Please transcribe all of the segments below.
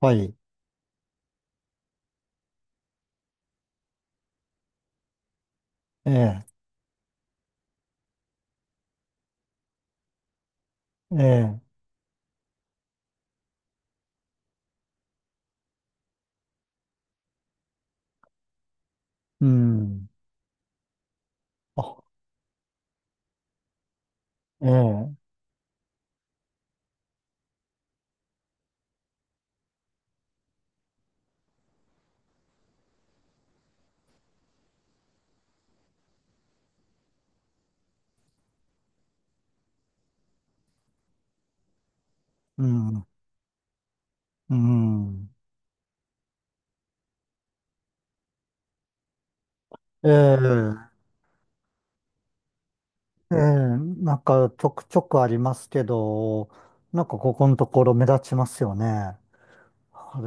はい。ええ、ええ、うん。あ、ええ、うん、うん。ええ、ええ、なんかちょくちょくありますけど、なんかここのところ目立ちますよね。あれ、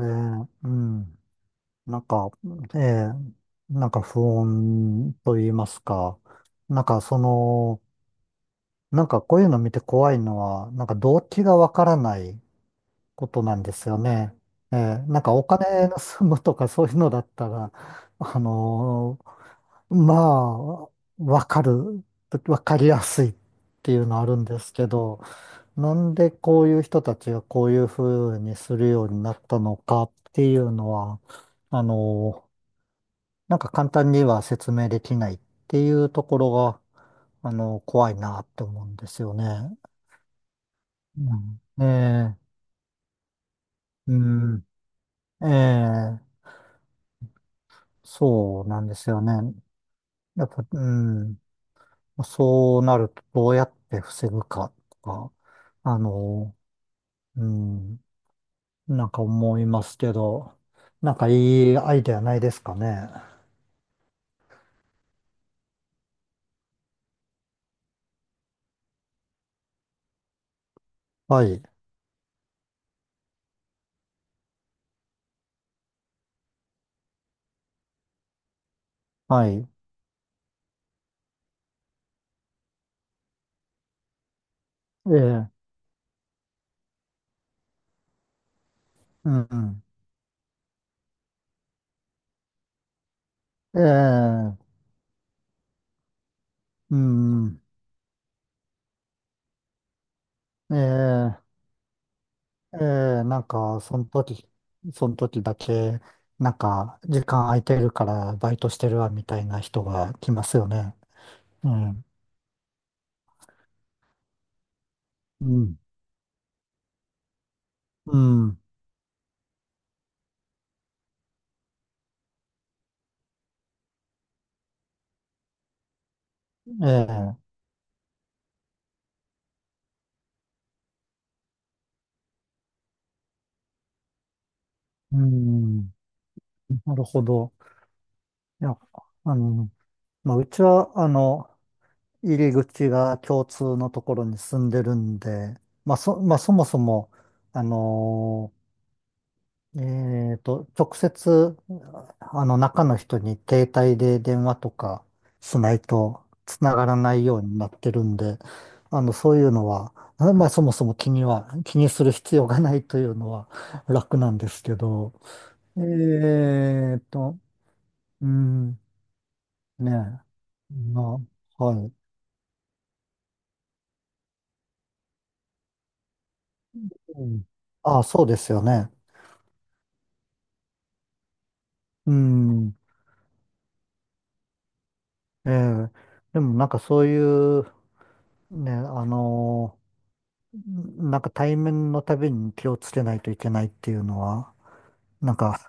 うん。なんか、ええ、なんか不穏と言いますか。なんかその、なんかこういうの見て怖いのは、なんか動機がわからないことなんですよね。ええ、なんかお金盗むとかそういうのだったら、あのまあ、わかる、わかりやすいっていうのはあるんですけど、なんでこういう人たちがこういうふうにするようになったのかっていうのは、あのーなんか簡単には説明できないっていうところが、あの怖いなって思うんですよね。うん、ええ、うん、ええ、そうなんですよね。やっぱ、うん、そうなるとどうやって防ぐかとか、あの、うん、なんか思いますけど、なんかいいアイデアないですかね。はい、はい、ええ、うん、うん、ええ、うん、ええ、ええ、なんかその時、その時だけ、なんか時間空いてるからバイトしてるわみたいな人が来ますよね。うん、うん、うん。ええ、うん、なるほど。いや、あの、まあ、うちは、入り口が共通のところに住んでるんで、まあ、そ、まあ、そもそも、あの、直接、中の人に携帯で電話とかしないと繋がらないようになってるんで、あの、そういうのは、あまあ、そもそも気には、気にする必要がないというのは楽なんですけど、えーっと、うん、ねえ。まあ、はい。うん、ああ、そうですよね。うん。ええ。でもなんかそういう、ね、あのんなんか対面のたびに気をつけないといけないっていうのは、なんか、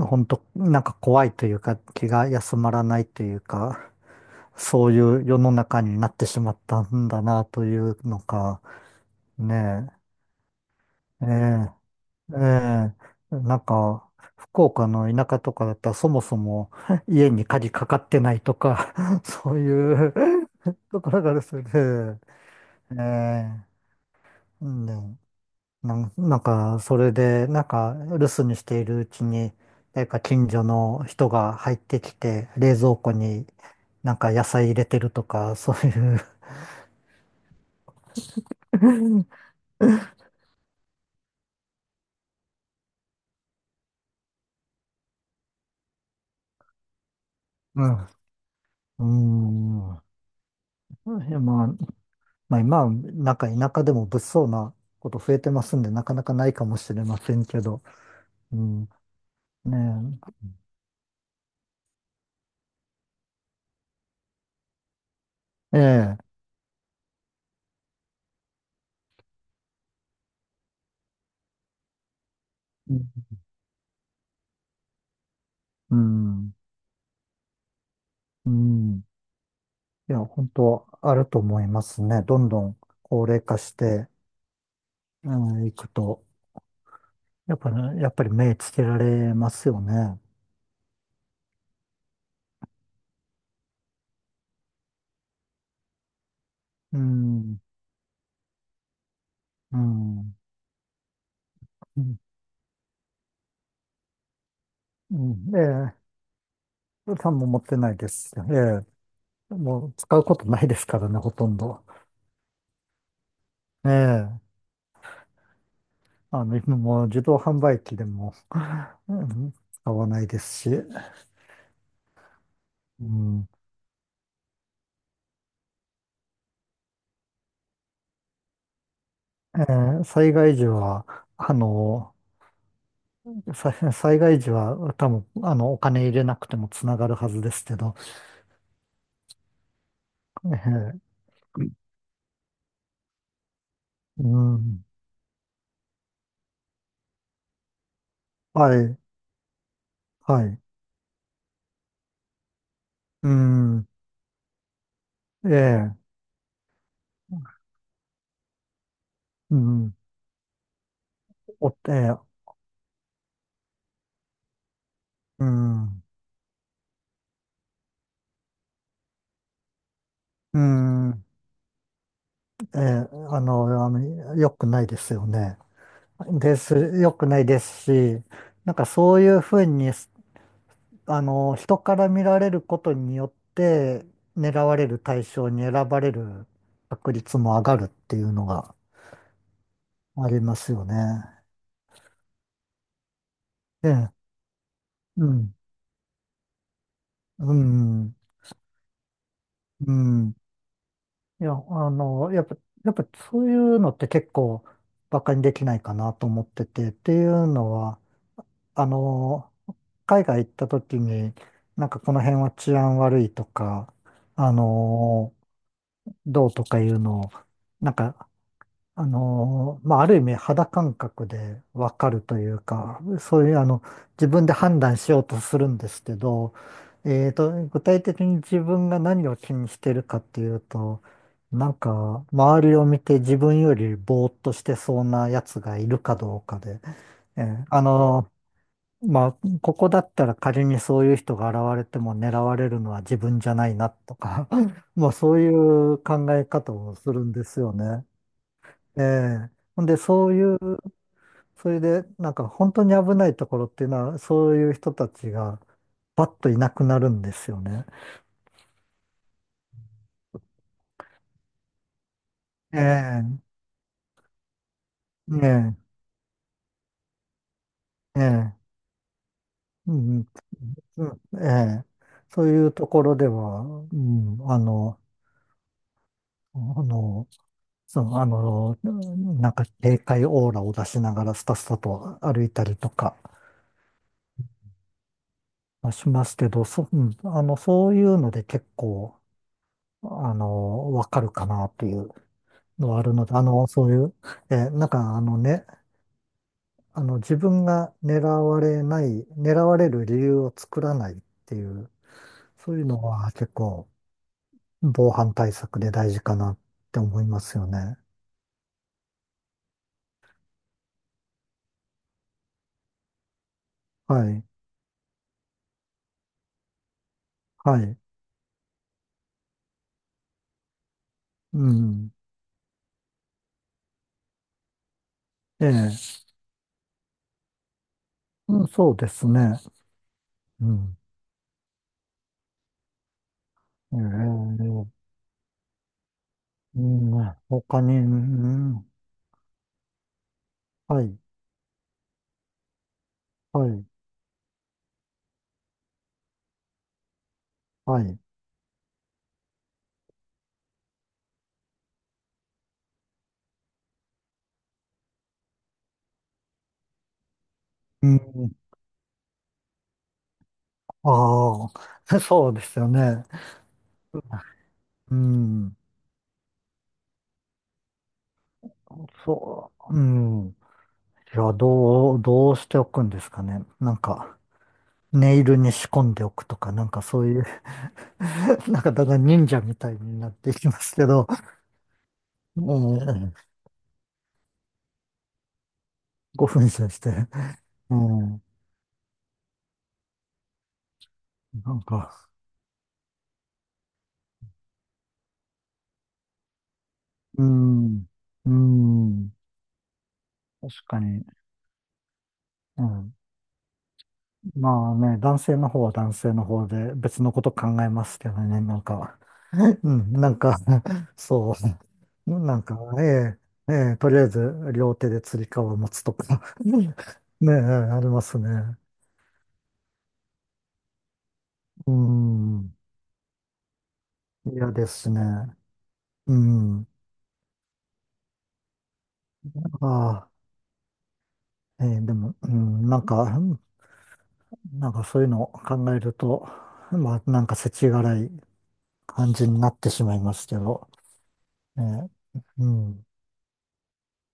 本当なんか怖いというか、気が休まらないというか、そういう世の中になってしまったんだなというのか、ねえ。ええ、ええ、なんか、福岡の田舎とかだったらそもそも 家に鍵かかってないとか そういう ところがある、それで、ええ、うん、ね、なん、なんか、それで、なんか、留守にしているうちに、誰か近所の人が入ってきて、冷蔵庫になんか野菜入れてるとか、そういう うん。うん。うん。まあ今はなんか田舎でも物騒なこと増えてますんで、なかなかないかもしれませんけど。うん。ねえ。ええ。うん。うん。いや、本当あると思いますね。どんどん高齢化して、うん、いくと、やっぱり、やっぱり目つけられますよね。うん。うん。うん。うん、ええ。予算も持ってないです。ええ。もう使うことないですからね、ほとんど。ええ。あの、今もう自動販売機でも、うん、使わないですし、うん、えー災害時は、あの、さ災害時は多分、あの、お金入れなくてもつながるはずですけど、えーうん、はい、はい、うん、ええ、うん、おって、ええ、うん、うん、ええ、あの、あの、良くないですよね。です、良くないですし、なんかそういうふうに、あの、人から見られることによって、狙われる対象に選ばれる確率も上がるっていうのがありますよね。ええ、うん、うん、うん。いや、あの、やっぱ、やっぱそういうのって結構バカにできないかなと思ってて、っていうのは、あの、海外行った時に、なんかこの辺は治安悪いとか、あの、どうとかいうのを、なんかまあ、ある意味肌感覚でわかるというか、そういうあの、自分で判断しようとするんですけど、えーと、具体的に自分が何を気にしてるかっていうと、なんか、周りを見て自分よりぼーっとしてそうなやつがいるかどうかで、えーあのまあ、ここだったら仮にそういう人が現れても狙われるのは自分じゃないなとか、まあ、そういう考え方をするんですよね。ええ。ほんで、そういう、それで、なんか本当に危ないところっていうのは、そういう人たちがパッといなくなるんですよね。ええ、ええ、ええ、うん、うん、ええ。そういうところでは、うん、あの、あの、その、あの、なんか警戒オーラを出しながらスタスタと歩いたりとかまあしますけど、そ、うん、あの、そういうので結構、あの、わかるかなというのあるので、あの、そういう、なんかあのね、あの、自分が狙われない、狙われる理由を作らないっていう、そういうのは結構防犯対策で大事かなって思いますよね。はい。はい。うん。ええ。うん、そうですね。うん。ええ。うん、他に、うん、はい。はい。はい。うん。ああ、そうですよね。うん。そう。うん。いや、どう、どうしておくんですかね。なんか、ネイルに仕込んでおくとか、なんかそういう なんかだんだん忍者みたいになっていきますけど、ええ、5分じゃして、うん、なんか、うん、うん、確かに、うん。まあね、男性の方は男性の方で別のこと考えますけどね、なんか、うん、なんか、そう。なんか、ええ、ええ、とりあえず両手で釣り革を持つとか ねえ、ありますね。うん、嫌ですしね。うん、ああ、ええ、でも、うん、なんか、なんかそういうのを考えると、まあ、なんか世知辛い感じになってしまいますけど、ねえ、うん。